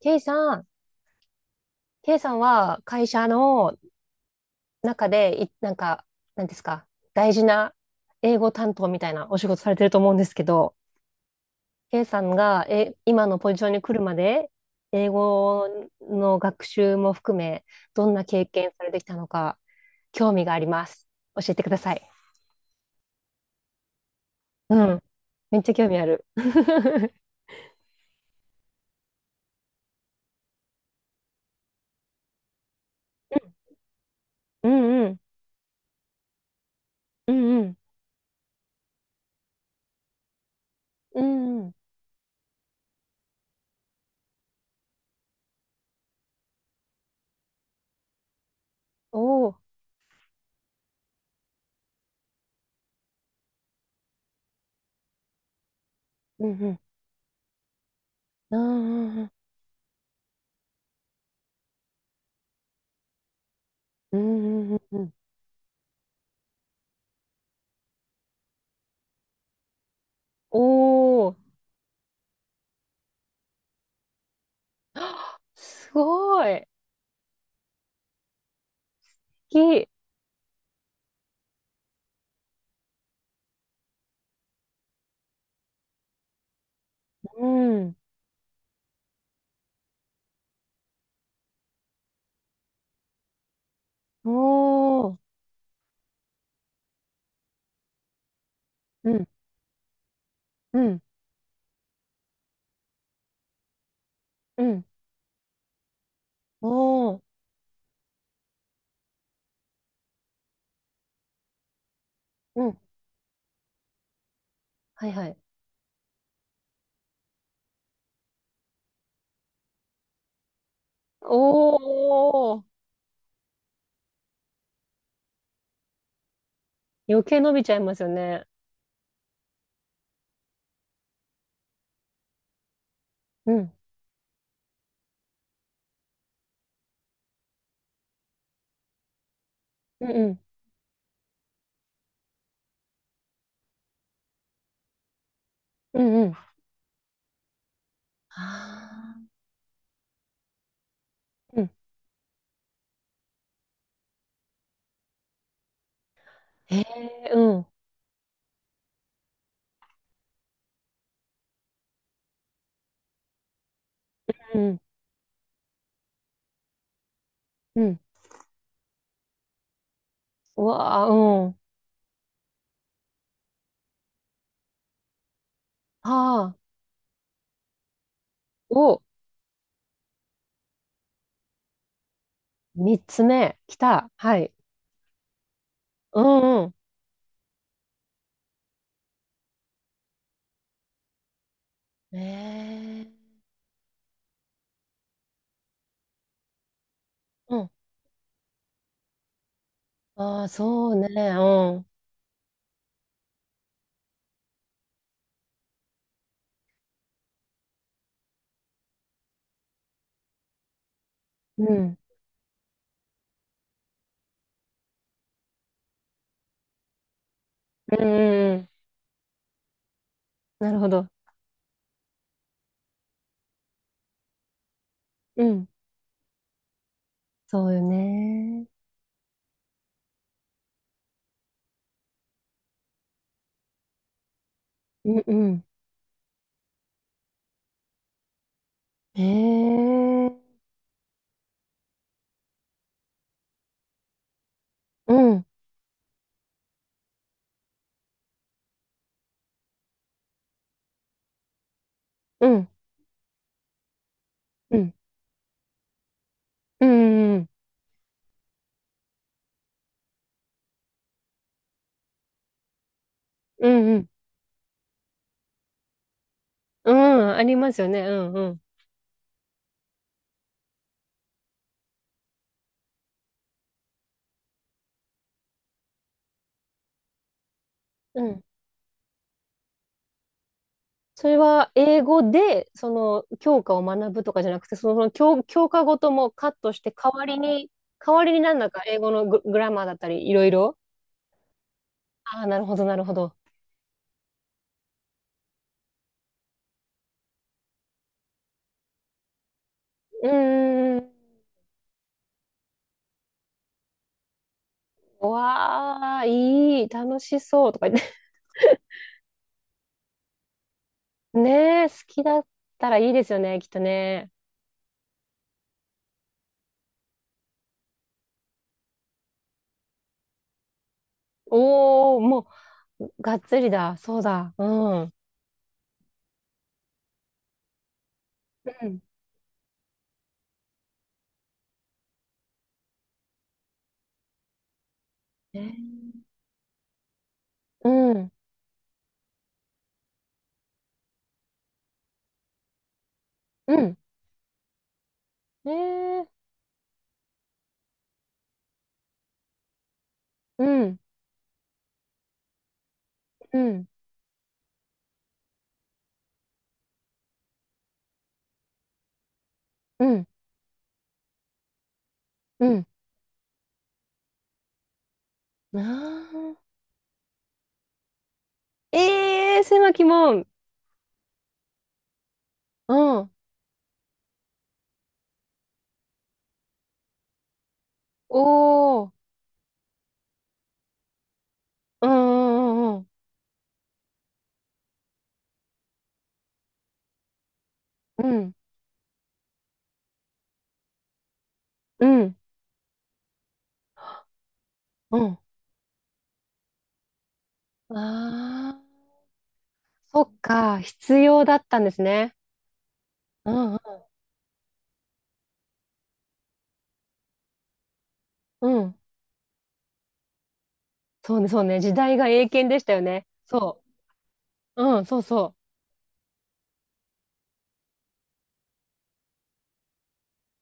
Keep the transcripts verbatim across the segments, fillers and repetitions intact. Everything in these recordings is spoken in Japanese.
K さん、K さんは会社の中でい、なんか、なんですか、大事な英語担当みたいなお仕事されてると思うんですけど、K さんがえ今のポジションに来るまで、英語の学習も含め、どんな経験されてきたのか、興味があります。教えてください。うん、めっちゃ興味ある。うんうん、うんうん、うんうん、おおー、うんうん、うんうん、うんうん、うんうん、おお、あすごい。き、うん。おー。うん。うん。うん。おー。うん。はいはい。おー、余計伸びちゃいますよね。うん。うんうん。うんうん。あーうん。ーへえ、うん。うん。うん。うわあ、うん。ああ、お、三つ目、来た。はい。うんうん。ええ、うん。ああ、そうね、うん。うん。うんうんうんうんうんあうんーへえうんうんうんうわあうんあーお三つ目来たはいうんうんえーうんああそうねうんうんうんうんうんなるほど。うんそうよね。うんうん。ええうん、うん、うん、うん、うん、うん、うん、うんありますよね。うん、うん、うん。それは英語で、その、教科を学ぶとかじゃなくて、その、教、教科ごともカットして、代わりに、代わりになんだか英語のグ、グラマーだったり、いろいろ。ああ、なるほど、なるほど。うーん。わあ、いい、楽しそうとか言って。ねえ、好きだったらいいですよね、きっとね。おー、もう、がっつりだ。そうだ。うん。うん。ねうん。うん。ねえ。うん。うん。うん。うん。ああ。ええー、狭き門。うん。おお。うんうんうんうん。うん。うん。うん。ああ。そっか。必要だったんですね。うんうんうん。そうね、そうね。時代が英検でしたよね。そう。うん、そうそ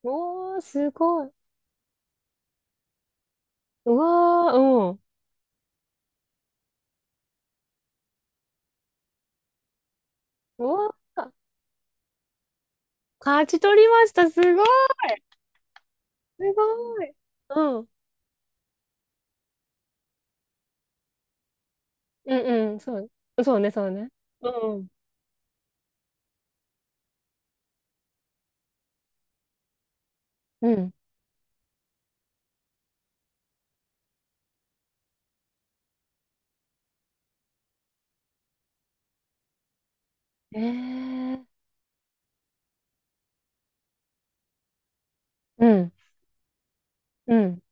う。おー、すごい。うわー、うん。うわー。勝ち取りました。すごい。すごい。うん。うんうん。そう。そうね、そうね。うん。うん。ええうん。うん。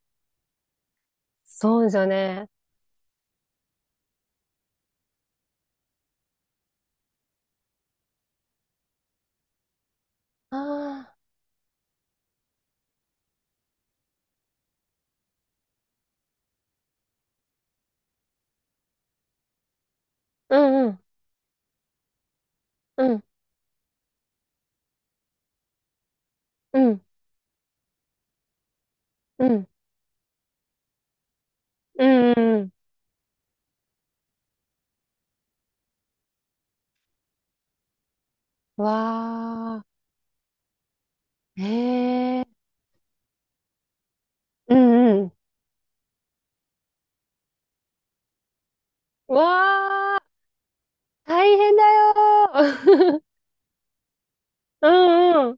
そうですよね。ああ。うんうん。うん。うん。うん。うんうんうん。わあ。ええうんうん。わあ。大変だよー。うんうん。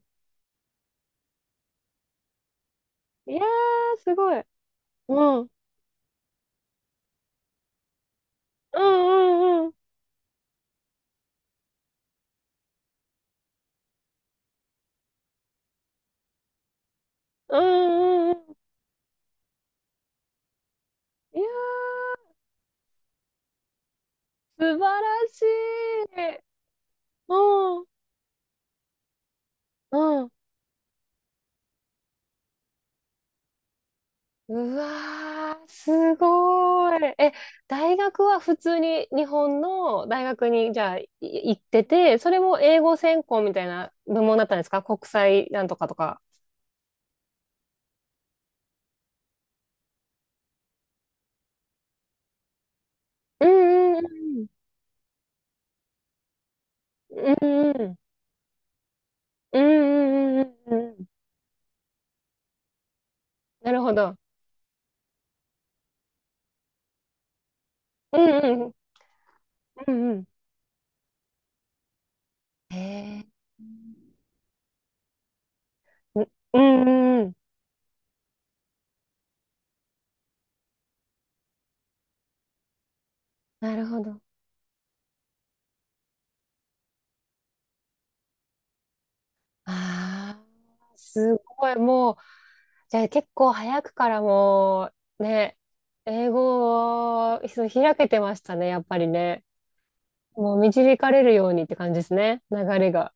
いやー、すごい。うん。うんうんうん。うんうんうん。いやー素晴らしい。うん、うん。うわー、すごい。え、大学は普通に日本の大学にじゃあい行ってて、それも英語専攻みたいな部門だったんですか国際なんとかとか。うんうんうんうん。うんうんうんうんうんうんうん。なるほど。うんうんうんうん。へえ。うんうんうん。なるほど。ああ、すごい。もう、じゃあ結構早くからもう、ね、英語をそう開けてましたね、やっぱりね。もう導かれるようにって感じですね、流れが。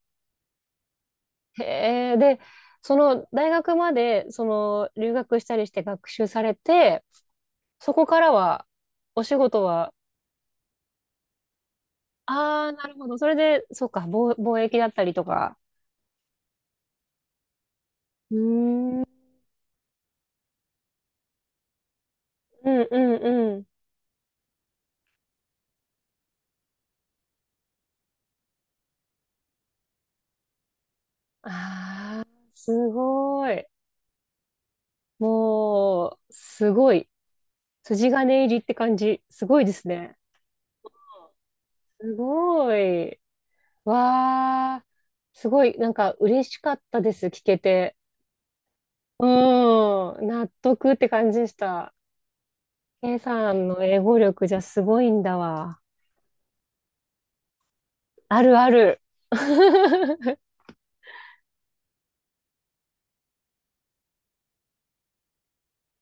へえ、で、その大学まで、その留学したりして学習されて、そこからは、お仕事は、ああ、なるほど。それで、そうか、貿貿易だったりとか。うーん、うん、うん、うん。ああ、すごい。もう、すごい。筋金入りって感じ。すごいですね。すごい。わあ、すごい、なんか嬉しかったです、聞けて。うん、納得って感じでした。K さんの英語力じゃすごいんだわ。あるある。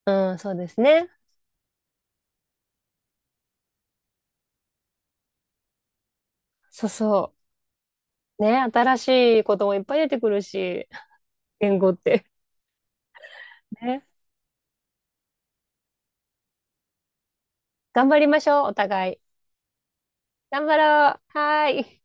うん、そうですね。そうそう。ね、新しいこともいっぱい出てくるし、言語って。ね。頑張りましょう、お互い。頑張ろう。はーい。